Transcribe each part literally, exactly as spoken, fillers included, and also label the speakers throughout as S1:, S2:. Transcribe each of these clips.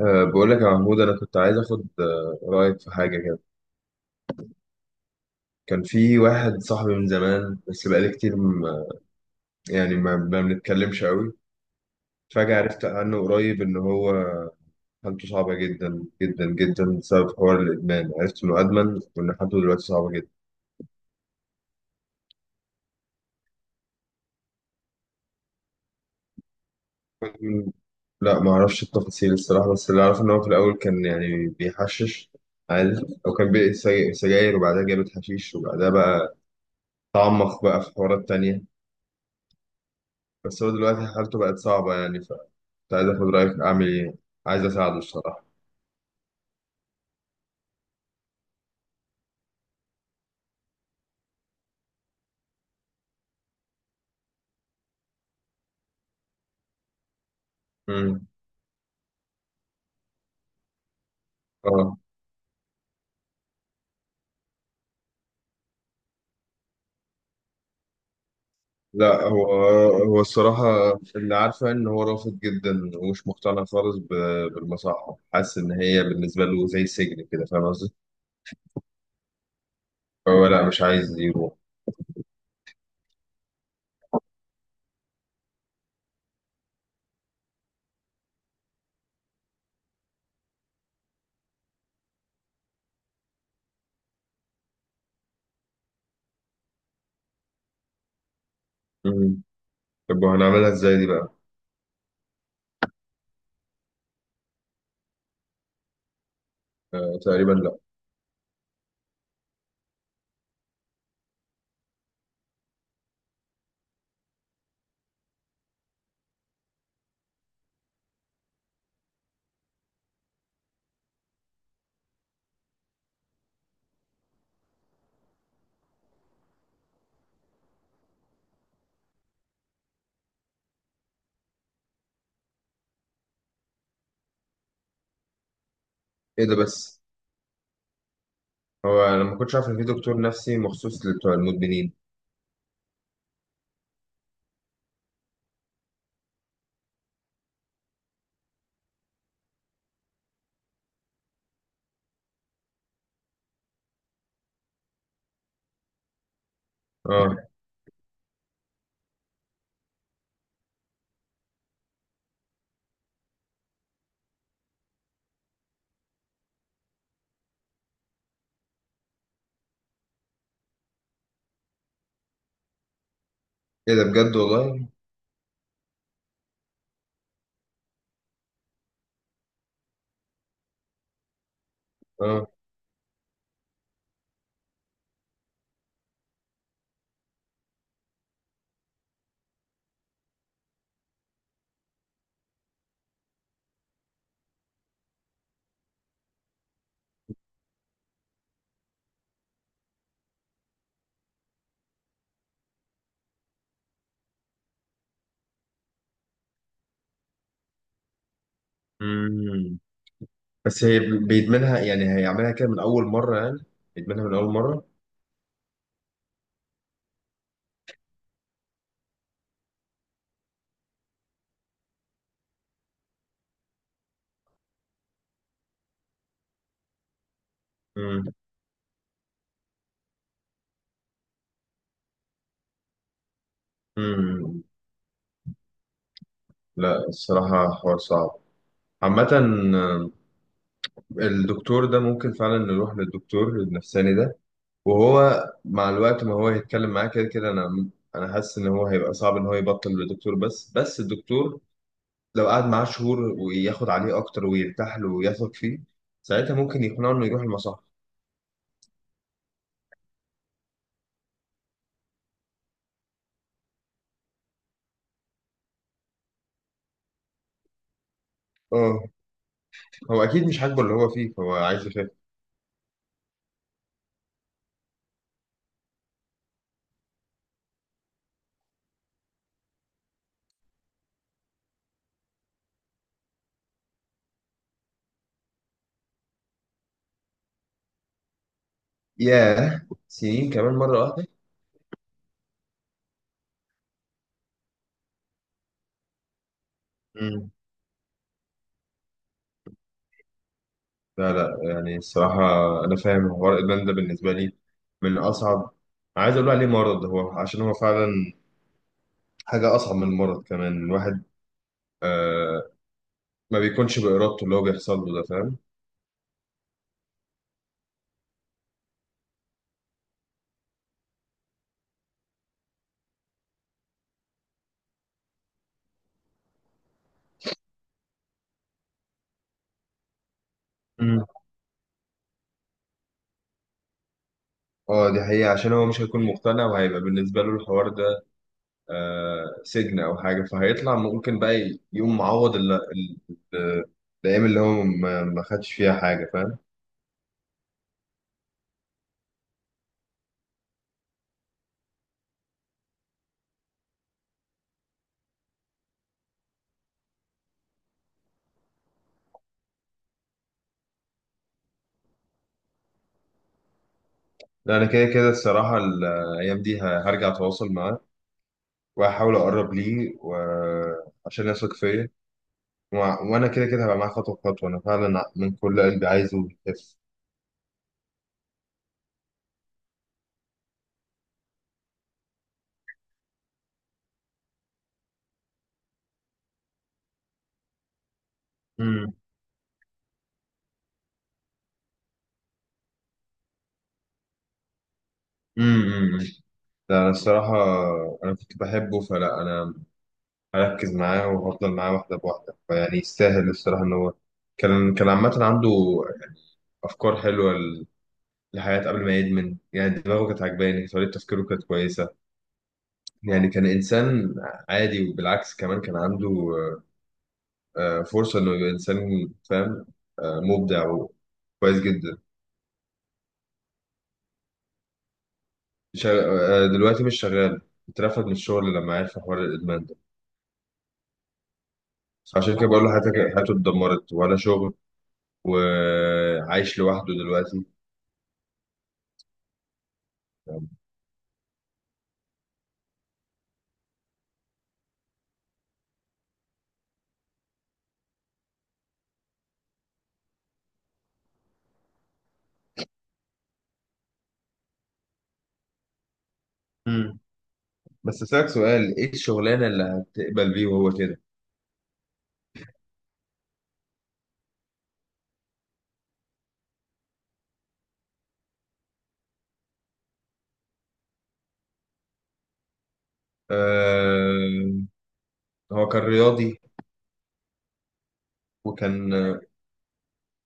S1: أه بقول لك يا محمود، أنا كنت عايز آخد آه، رأيك في حاجة كده. كان في واحد صاحبي من زمان، بس بقالي كتير ما يعني ما ما بنتكلمش قوي. فجأة عرفت عنه قريب إن هو حالته صعبة جدا جدا جدا بسبب حوار الإدمان، عرفت إنه أدمن وإن حالته دلوقتي صعبة جدا. م- لا، ما أعرفش التفاصيل الصراحة، بس اللي أعرفه إن هو في الأول كان يعني بيحشش عادي، أو كان بيقي سج- سجاير، وبعدها جابت حشيش، وبعدها بقى تعمق بقى في حوارات تانية. بس هو دلوقتي حالته بقت صعبة، يعني كنت عايز اخد رايك اعمل ايه، عايز اساعده الصراحه. امم. اه، لا. هو هو الصراحه اللي عارفه ان هو رافض جدا ومش مقتنع خالص ب- بالمصحه، حاسس ان هي بالنسبه له زي سجن كده، فاهم قصدي؟ فهو لا، مش عايز يروح. امم. طب وهنعملها ازاي دي بقى؟ آه، تقريبا لا. ايه ده؟ بس هو انا ما كنتش عارف ان في دكتور نفسي مخصوص لبتوع المدمنين. اه. ايه ده بجد؟ والله. اه. امم. بس هي بيدمنها، يعني هيعملها كده من اول مره؟ يعني يدمنها من اول مره؟ مم. مم. لا الصراحة حوار صعب عامة. آه، الدكتور ده ممكن فعلا نروح للدكتور النفساني ده، وهو مع الوقت ما هو هيتكلم معاه كده كده. أنا أنا حاسس إن هو هيبقى صعب إن هو يبطل للدكتور، بس بس الدكتور لو قعد معاه شهور وياخد عليه أكتر ويرتاح له ويثق فيه، ساعتها ممكن يقنعه إنه يروح المصح. اه، هو أكيد مش عاجبه اللي هو فيه، فهو عايز يخف. ياه، سنين كمان مرة؟ واحدة. لا لا، يعني الصراحة أنا فاهم حوار إدمان ده، بالنسبة لي من أصعب. عايز أقول عليه مرض هو، عشان هو فعلا حاجة أصعب من المرض كمان. الواحد آه ما بيكونش بإرادته اللي هو بيحصل له ده، فاهم؟ مم. اه، دي حقيقة. عشان هو مش هيكون مقتنع، وهيبقى بالنسبة له الحوار ده آه سجن أو حاجة، فهيطلع ممكن بقى ي- يقوم معوض ال- ال- ال- الأيام اللي هو ما ما خدش فيها حاجة، فاهم؟ لا، أنا كده كده الصراحة الأيام دي ه- هرجع أتواصل معاه، وهحاول اقرب ليه، وعشان يثق فيا، وع- وانا كده كده هبقى معاه خطوه بخطوه. انا فعلا من كل قلبي عايزه يخف. امم. امم. ده انا الصراحه انا كنت بحبه، فلا انا هركز معاه وهفضل معاه واحده بواحده، فيعني يستاهل الصراحه. ان هو كان كان عامه عنده افكار حلوه ل- للحياه قبل ما يدمن، يعني دماغه كانت عجباني، طريقه تفكيره كانت كويسه. يعني كان انسان عادي، وبالعكس كمان كان عنده آه، فرصة إنه يبقى إنسان، فاهم؟ آه، مبدع وكويس جدا. شغ... آه، دلوقتي مش شغال، اترفد من الشغل لما عرف حوار الإدمان ده. عشان كده بقول له، حياتك حياته اتدمرت، ولا شغل، وعايش لوحده دلوقتي. مم. بس أسألك سؤال، إيه الشغلانة اللي هتقبل بيه وهو كده؟ آه... هو كان رياضي، وكان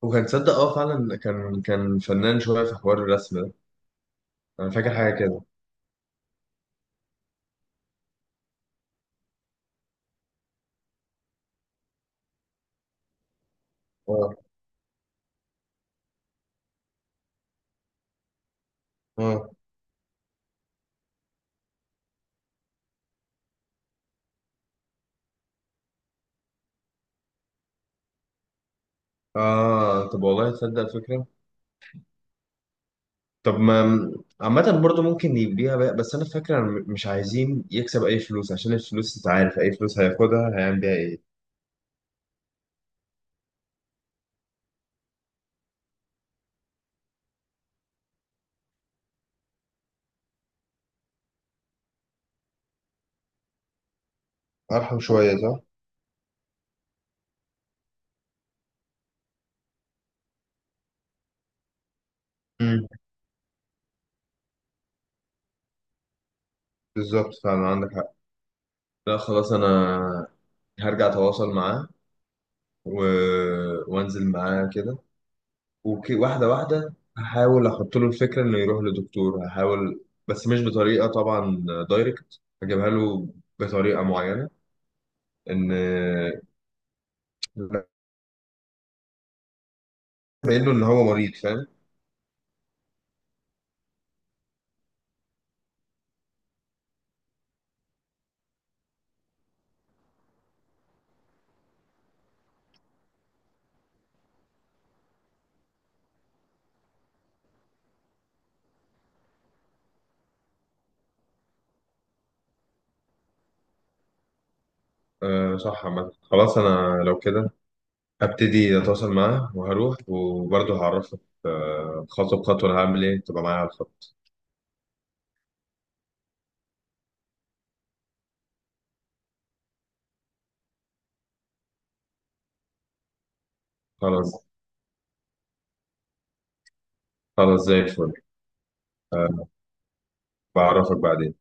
S1: وكان تصدق، اه فعلا، كان كان فنان شوية في حوار الرسم ده. أنا فاكر حاجة كده. اه، اه، اه. طب والله تصدق فكرة. طب ما عامة برضه ممكن يبيع بقى. بس أنا فاكر أنا مش عايزين يكسب أي فلوس، عشان الفلوس أنت عارف أي فلوس هياخدها هيعمل بيها إيه. أرحم شوية، صح؟ امم. بالظبط فعلا عندك حق. لا خلاص، أنا هرجع أتواصل معاه، و... وأنزل معاه كده، وك... واحدة واحدة هحاول أحط له الفكرة إنه يروح لدكتور. هحاول بس مش بطريقة طبعا دايركت، هجيبها له بطريقة معينة، إن باين له إن هو مريض، فاهم؟ أه صح. عامة خلاص أنا لو كده هبتدي أتواصل معاه، وهروح وبرضه هعرفك أه، خطوة بخطوة أنا هعمل إيه. تبقى معايا على الخط. خلاص. خلاص زي الفل. أه، بعرفك بعدين.